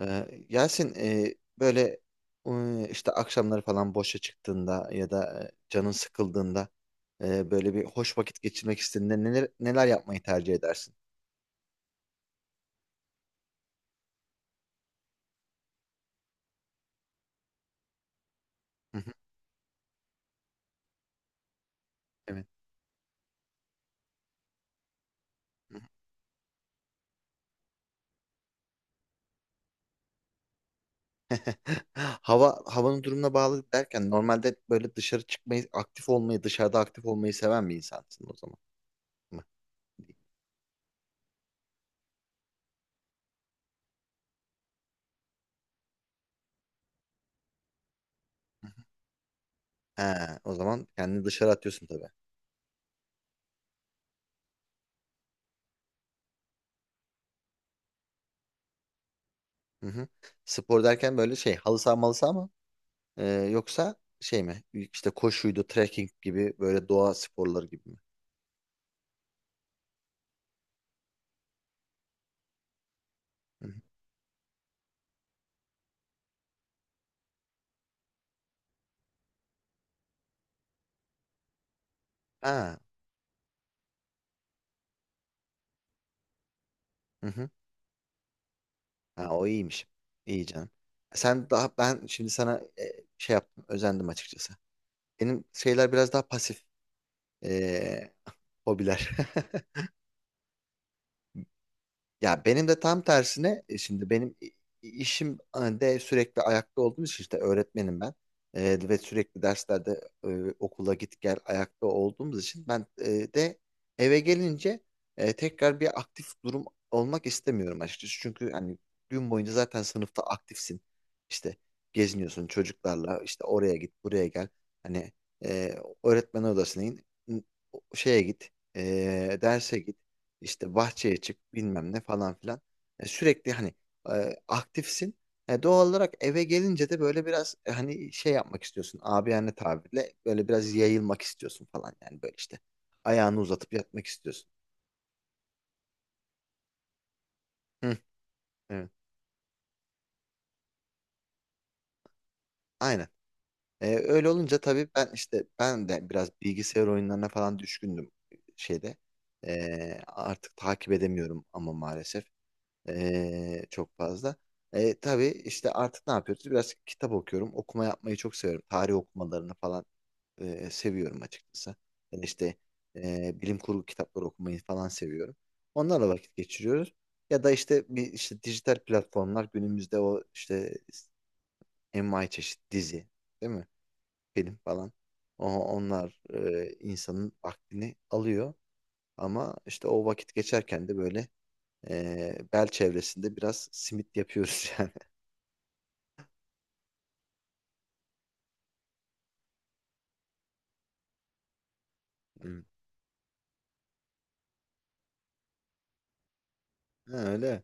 Yasin, böyle işte akşamları falan boşa çıktığında ya da canın sıkıldığında böyle bir hoş vakit geçirmek istediğinde neler neler yapmayı tercih edersin? Hı hı. Evet. Havanın durumuna bağlı derken normalde böyle dışarı çıkmayı, aktif olmayı, dışarıda aktif olmayı seven bir insansın o zaman mı? He, o zaman kendini dışarı atıyorsun tabii. Hı hı. Spor derken böyle şey, halı saha malı saha mı? Ee, yoksa şey mi? İşte koşuydu, trekking gibi böyle doğa sporları gibi mi? Hı hı. Ha, hı hı. Ha, o iyiymiş. İyi canım. Sen daha, ben şimdi sana şey yaptım, özendim açıkçası. Benim şeyler biraz daha pasif e, hobiler. Ya benim de tam tersine, şimdi işim de sürekli ayakta olduğum için, işte öğretmenim ben. E, ve sürekli derslerde, okula git gel ayakta olduğumuz için ben e, de eve gelince tekrar bir aktif durum olmak istemiyorum açıkçası. Çünkü hani gün boyunca zaten sınıfta aktifsin. İşte geziniyorsun çocuklarla, işte oraya git buraya gel. Hani, e, öğretmen odasına in, şeye git, derse git, işte bahçeye çık, bilmem ne falan filan. E, sürekli hani aktifsin. E, doğal olarak eve gelince de böyle biraz, e, hani şey yapmak istiyorsun. Abiyane tabirle böyle biraz yayılmak istiyorsun falan, yani böyle işte. Ayağını uzatıp yatmak istiyorsun. Hı, evet. Aynen. E, öyle olunca tabii ben işte, ben de biraz bilgisayar oyunlarına falan düşkündüm şeyde. E, artık takip edemiyorum ama maalesef. Çok fazla. Tabii işte artık ne yapıyoruz? Biraz kitap okuyorum. Okuma yapmayı çok seviyorum. Tarih okumalarını falan seviyorum açıkçası. Yani işte bilim kurgu kitapları okumayı falan seviyorum. Onlarla vakit geçiriyoruz. Ya da işte bir, işte dijital platformlar günümüzde, o işte envai çeşit dizi, değil mi? Film falan. Onlar insanın vaktini alıyor. Ama işte o vakit geçerken de böyle, bel çevresinde biraz simit yapıyoruz yani. Hmm. Ha, öyle.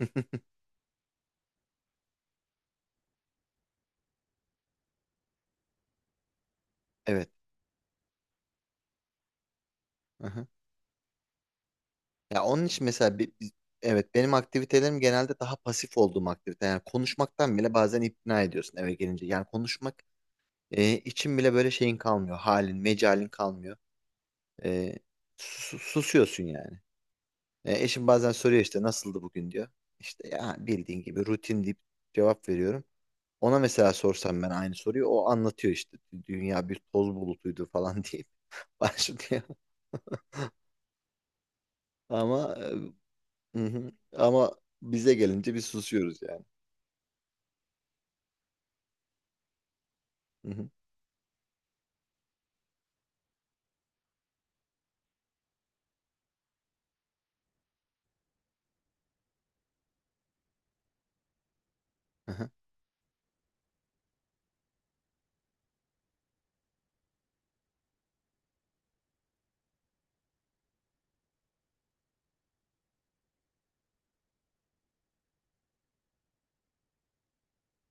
Evet. Aha. Ya onun için mesela, evet, benim aktivitelerim genelde daha pasif olduğum aktivite. Yani konuşmaktan bile bazen ikna ediyorsun eve gelince. Yani konuşmak için bile böyle şeyin kalmıyor. Halin, mecalin kalmıyor. E, susuyorsun yani. E, eşim bazen soruyor, işte nasıldı bugün diyor. İşte ya bildiğin gibi rutin deyip cevap veriyorum. Ona mesela sorsam ben aynı soruyu, o anlatıyor işte, dünya bir toz bulutuydu falan diye başlıyor. Ama hı hı. Ama bize gelince bir susuyoruz yani. Hı hı. Aha.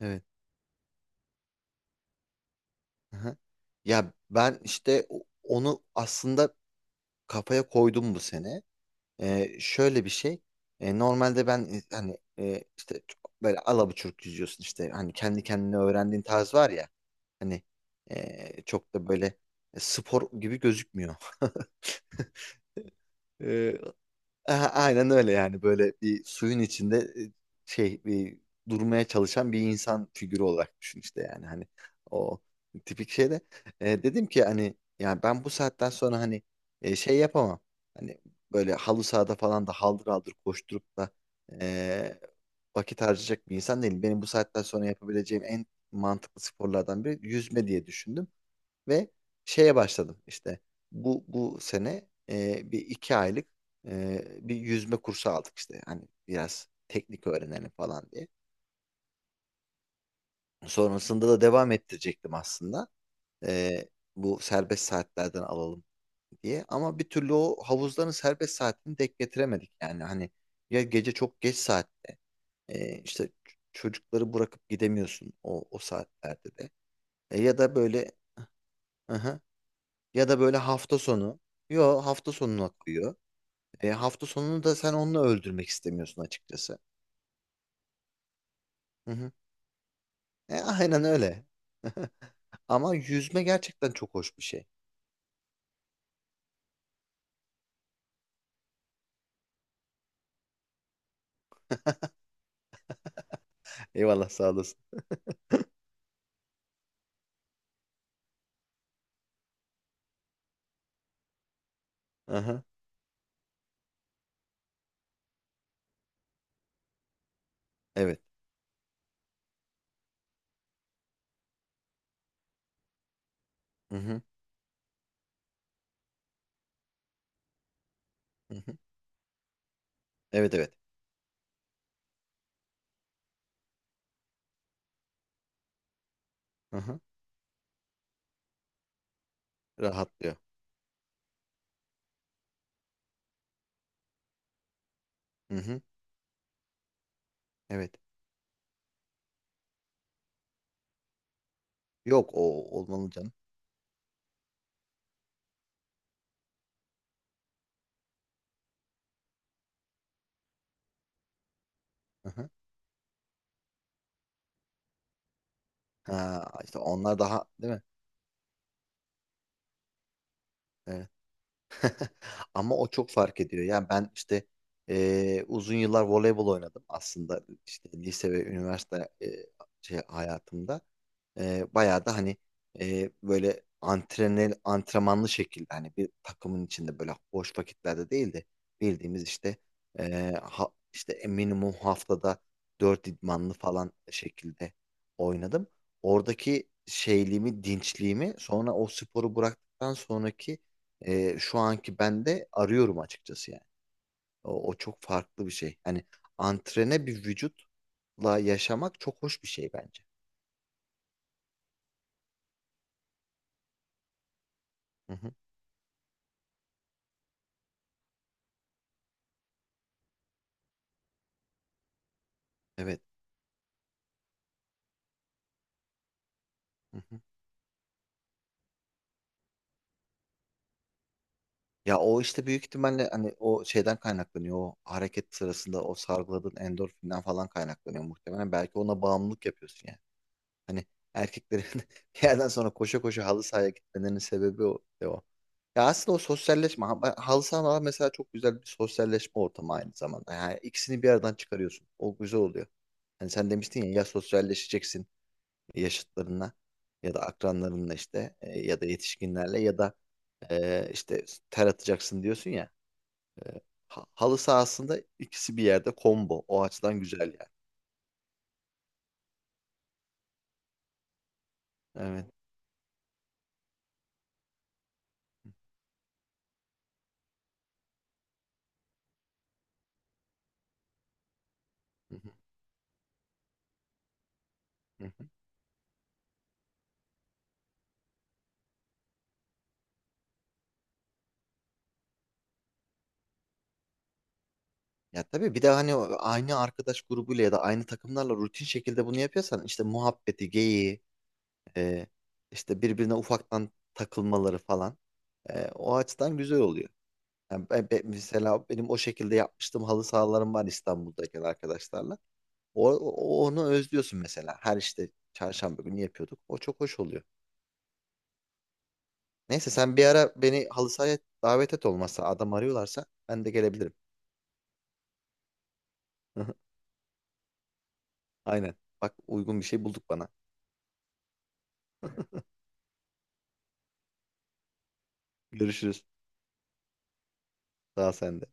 Evet. Aha. Ya ben işte onu aslında kafaya koydum bu sene. E, şöyle bir şey. E, normalde ben, e, hani, e, işte çok böyle alabuçuk yüzüyorsun, işte hani kendi kendine öğrendiğin tarz var ya, hani çok da böyle spor gibi gözükmüyor. Ee, aynen öyle yani, böyle bir suyun içinde şey, bir durmaya çalışan bir insan figürü olarak düşün işte, yani hani o tipik şeyde dedim ki, hani yani ben bu saatten sonra hani şey yapamam, hani böyle halı sahada falan da haldır haldır koşturup da e, vakit harcayacak bir insan değilim. Benim bu saatten sonra yapabileceğim en mantıklı sporlardan biri yüzme diye düşündüm. Ve şeye başladım işte, bu sene bir iki aylık e, bir yüzme kursu aldık işte, hani biraz teknik öğrenelim falan diye. Sonrasında da devam ettirecektim aslında. E, bu serbest saatlerden alalım diye, ama bir türlü o havuzların serbest saatini denk getiremedik, yani hani ya gece çok geç saat, işte çocukları bırakıp gidemiyorsun o o saatlerde de. E, ya da böyle, hı hı. Ya da böyle hafta sonu. Yo, hafta sonuna koyuyor. E, hafta sonunu da sen onunla öldürmek istemiyorsun açıkçası. Hı hı. E, aynen öyle. Ama yüzme gerçekten çok hoş bir şey. Eyvallah, sağ olasın. Aha, evet. Hı hı, hı hı. Evet evet. Hı hı. Rahatlıyor. Hı hı. Evet. Yok, o olmalı canım. Hı hı. Ha, işte onlar daha, değil mi? Evet. Ama o çok fark ediyor. Yani ben işte uzun yıllar voleybol oynadım aslında, işte lise ve üniversite şey hayatımda. E, bayağı da hani böyle antrenmanlı şekilde, hani bir takımın içinde, böyle boş vakitlerde değil de bildiğimiz işte işte minimum haftada 4 idmanlı falan şekilde oynadım. Oradaki şeyliğimi, dinçliğimi sonra o sporu bıraktıktan sonraki şu anki bende arıyorum açıkçası yani. O, o çok farklı bir şey. Hani antrene bir vücutla yaşamak çok hoş bir şey bence. Hı hı. Evet. Hı hı. Ya o işte büyük ihtimalle hani o şeyden kaynaklanıyor. O hareket sırasında o salgıladığın endorfinden falan kaynaklanıyor muhtemelen. Belki ona bağımlılık yapıyorsun yani. Hani erkeklerin bir yerden sonra koşa koşa halı sahaya gitmelerinin sebebi o. De o. Ya aslında o sosyalleşme. Halı sahalar mesela çok güzel bir sosyalleşme ortamı aynı zamanda. Yani ikisini bir yerden çıkarıyorsun. O güzel oluyor. Hani sen demiştin ya, ya sosyalleşeceksin yaşıtlarınla ya da akranlarınla, işte ya da yetişkinlerle ya da işte ter atacaksın diyorsun ya. E, halı sahasında ikisi bir yerde combo. O açıdan güzel yani. Evet. Hı hı, hı hı. Ya tabii, bir de hani aynı arkadaş grubuyla ya da aynı takımlarla rutin şekilde bunu yapıyorsan, işte muhabbeti, geyiği, e, işte birbirine ufaktan takılmaları falan. E, o açıdan güzel oluyor. Yani mesela benim o şekilde yapmıştım, halı sahalarım var İstanbul'daki arkadaşlarla. Onu özlüyorsun mesela. Her işte çarşamba günü yapıyorduk. O çok hoş oluyor. Neyse, sen bir ara beni halı sahaya davet et, olmazsa adam arıyorlarsa ben de gelebilirim. Aynen. Bak, uygun bir şey bulduk bana. Görüşürüz. Daha sende.